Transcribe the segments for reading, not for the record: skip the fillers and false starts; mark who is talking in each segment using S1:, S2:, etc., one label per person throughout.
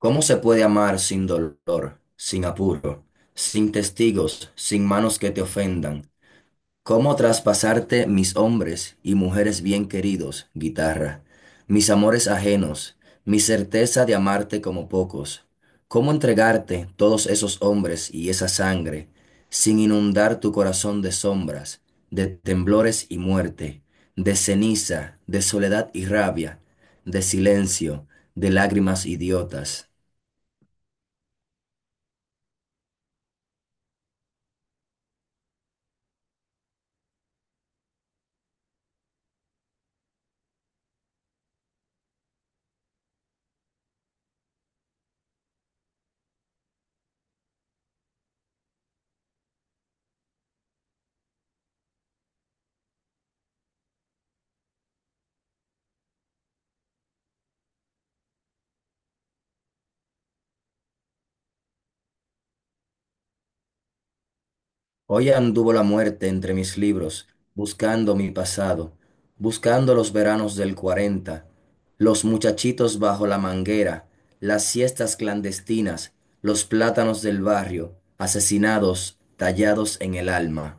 S1: ¿Cómo se puede amar sin dolor, sin apuro, sin testigos, sin manos que te ofendan? ¿Cómo traspasarte mis hombres y mujeres bien queridos, guitarra, mis amores ajenos, mi certeza de amarte como pocos? ¿Cómo entregarte todos esos hombres y esa sangre, sin inundar tu corazón de sombras, de temblores y muerte, de ceniza, de soledad y rabia, de silencio, de lágrimas idiotas? Hoy anduvo la muerte entre mis libros, buscando mi pasado, buscando los veranos del 40, los muchachitos bajo la manguera, las siestas clandestinas, los plátanos del barrio, asesinados, tallados en el alma.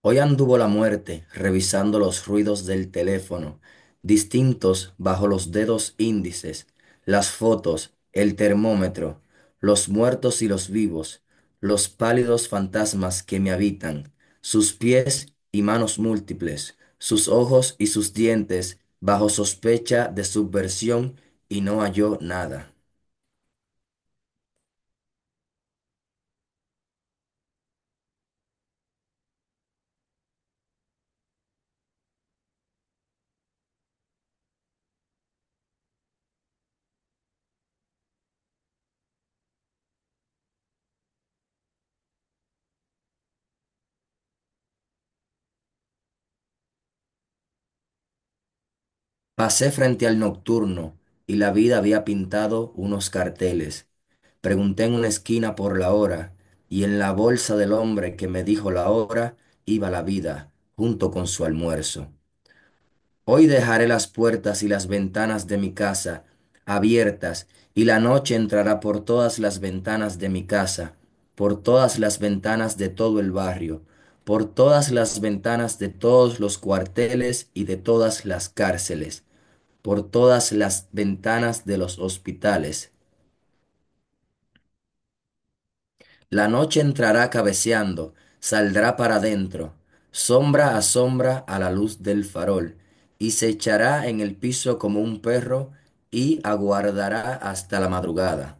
S1: Hoy anduvo la muerte revisando los ruidos del teléfono, distintos bajo los dedos índices, las fotos, el termómetro, los muertos y los vivos, los pálidos fantasmas que me habitan, sus pies y manos múltiples, sus ojos y sus dientes bajo sospecha de subversión y no halló nada. Pasé frente al nocturno y la vida había pintado unos carteles. Pregunté en una esquina por la hora y en la bolsa del hombre que me dijo la hora iba la vida junto con su almuerzo. Hoy dejaré las puertas y las ventanas de mi casa abiertas y la noche entrará por todas las ventanas de mi casa, por todas las ventanas de todo el barrio, por todas las ventanas de todos los cuarteles y de todas las cárceles, por todas las ventanas de los hospitales. La noche entrará cabeceando, saldrá para dentro, sombra a sombra a la luz del farol, y se echará en el piso como un perro y aguardará hasta la madrugada.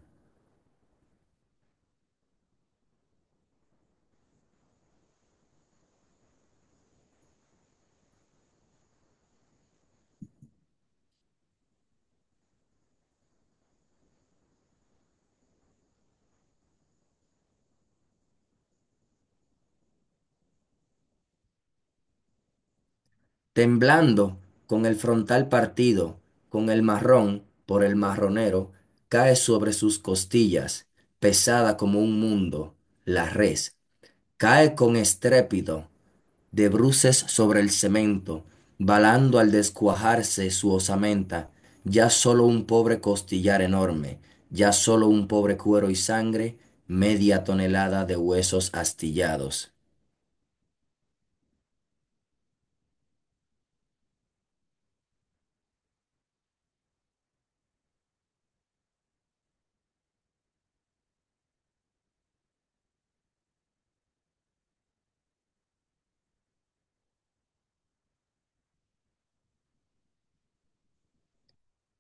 S1: Temblando, con el frontal partido, con el marrón por el marronero, cae sobre sus costillas, pesada como un mundo, la res. Cae con estrépito de bruces sobre el cemento, balando al descuajarse su osamenta, ya sólo un pobre costillar enorme, ya sólo un pobre cuero y sangre, media tonelada de huesos astillados.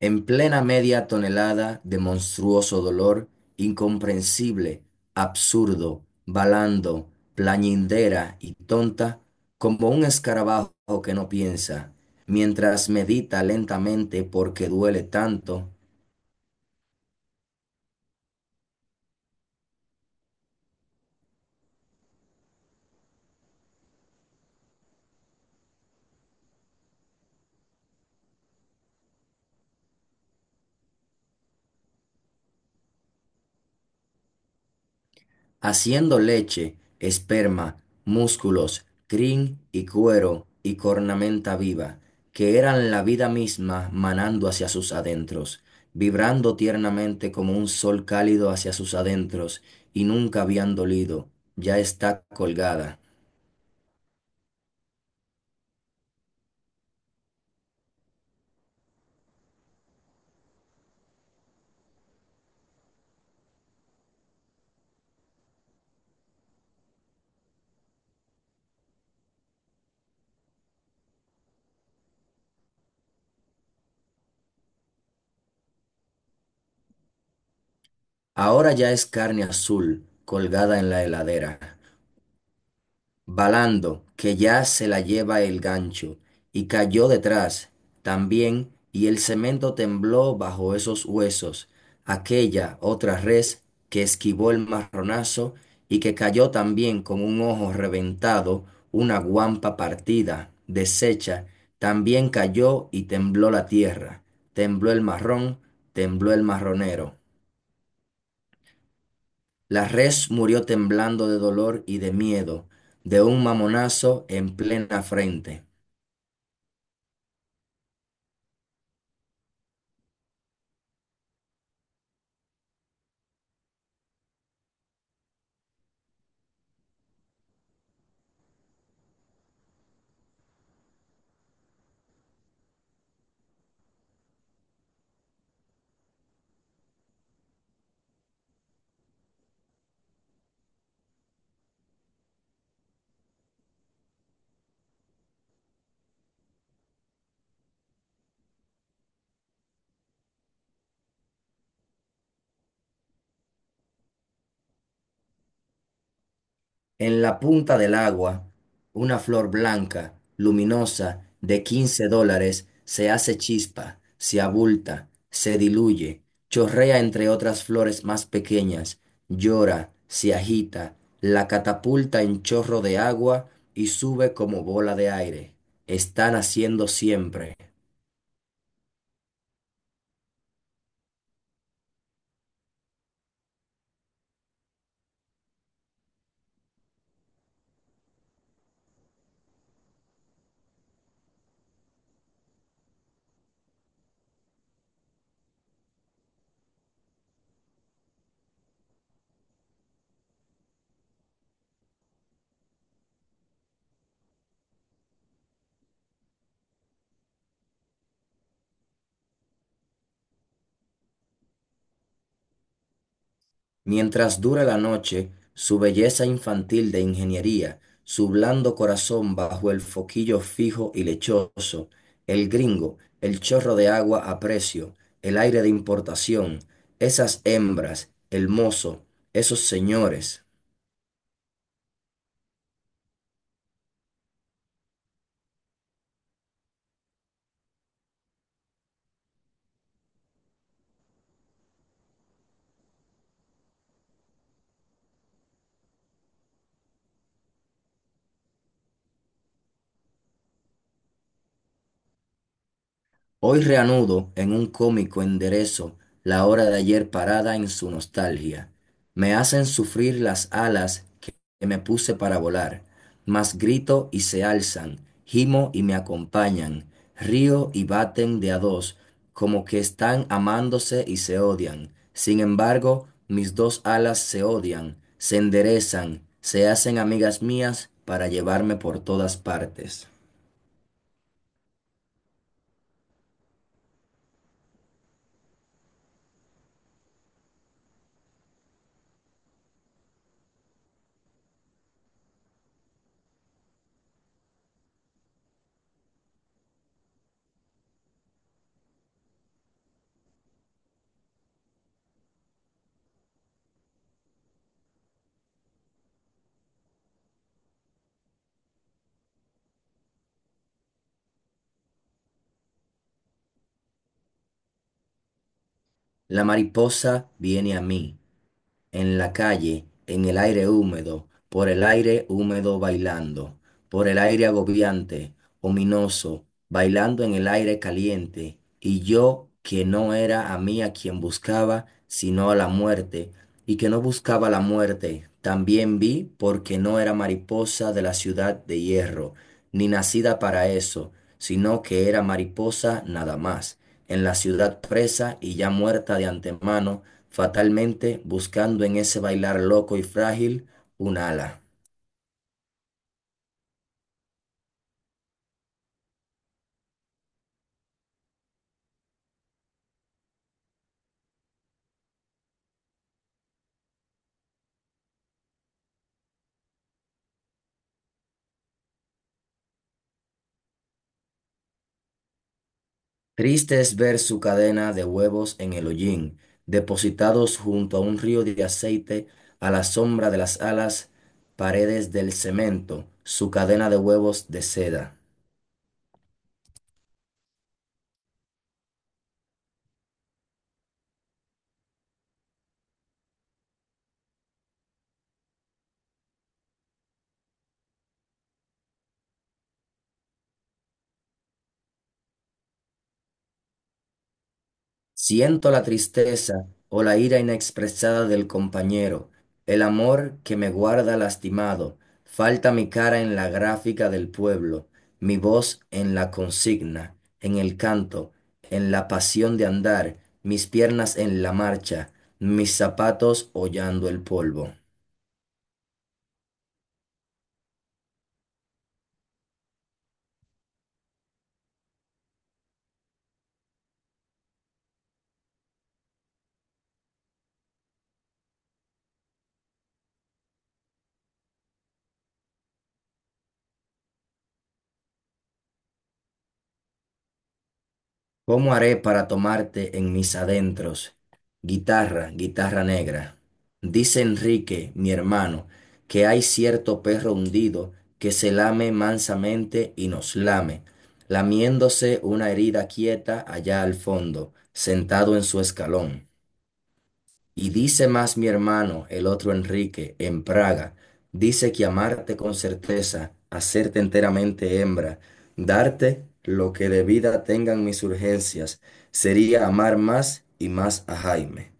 S1: En plena media tonelada de monstruoso dolor, incomprensible, absurdo, balando, plañindera y tonta, como un escarabajo que no piensa, mientras medita lentamente porque duele tanto, haciendo leche, esperma, músculos, crin y cuero y cornamenta viva, que eran la vida misma manando hacia sus adentros, vibrando tiernamente como un sol cálido hacia sus adentros, y nunca habían dolido, ya está colgada. Ahora ya es carne azul, colgada en la heladera. Balando, que ya se la lleva el gancho, y cayó detrás también, y el cemento tembló bajo esos huesos, aquella otra res que esquivó el marronazo y que cayó también con un ojo reventado, una guampa partida, deshecha, también cayó y tembló la tierra, tembló el marrón, tembló el marronero. La res murió temblando de dolor y de miedo, de un mamonazo en plena frente. En la punta del agua, una flor blanca, luminosa, de 15 dólares, se hace chispa, se abulta, se diluye, chorrea entre otras flores más pequeñas, llora, se agita, la catapulta en chorro de agua y sube como bola de aire. Están haciendo siempre. Mientras dura la noche, su belleza infantil de ingeniería, su blando corazón bajo el foquillo fijo y lechoso, el gringo, el chorro de agua a precio, el aire de importación, esas hembras, el mozo, esos señores. Hoy reanudo en un cómico enderezo la hora de ayer parada en su nostalgia. Me hacen sufrir las alas que me puse para volar, mas grito y se alzan, gimo y me acompañan, río y baten de a dos, como que están amándose y se odian. Sin embargo, mis dos alas se odian, se enderezan, se hacen amigas mías para llevarme por todas partes. La mariposa viene a mí en la calle, en el aire húmedo, por el aire húmedo bailando, por el aire agobiante, ominoso, bailando en el aire caliente, y yo que no era a mí a quien buscaba, sino a la muerte, y que no buscaba la muerte, también vi porque no era mariposa de la ciudad de hierro, ni nacida para eso, sino que era mariposa nada más en la ciudad presa y ya muerta de antemano, fatalmente buscando en ese bailar loco y frágil un ala. Triste es ver su cadena de huevos en el hollín, depositados junto a un río de aceite, a la sombra de las alas, paredes del cemento, su cadena de huevos de seda. Siento la tristeza o la ira inexpresada del compañero, el amor que me guarda lastimado, falta mi cara en la gráfica del pueblo, mi voz en la consigna, en el canto, en la pasión de andar, mis piernas en la marcha, mis zapatos hollando el polvo. ¿Cómo haré para tomarte en mis adentros? Guitarra, guitarra negra. Dice Enrique, mi hermano, que hay cierto perro hundido que se lame mansamente y nos lame, lamiéndose una herida quieta allá al fondo, sentado en su escalón. Y dice más mi hermano, el otro Enrique, en Praga, dice que amarte con certeza, hacerte enteramente hembra, darte lo que de vida tengan mis urgencias, sería amar más y más a Jaime,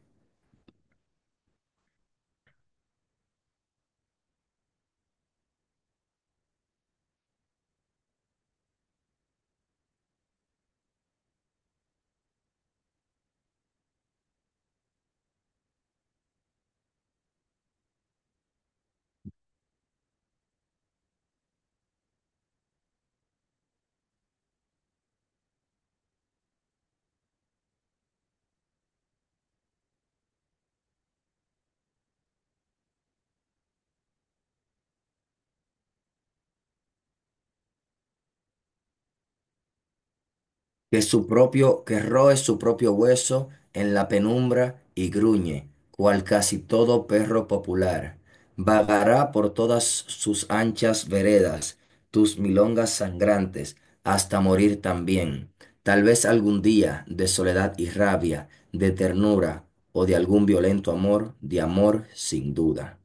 S1: que su propio, que roe su propio hueso en la penumbra y gruñe, cual casi todo perro popular. Vagará por todas sus anchas veredas, tus milongas sangrantes, hasta morir también. Tal vez algún día, de soledad y rabia, de ternura o de algún violento amor, de amor sin duda.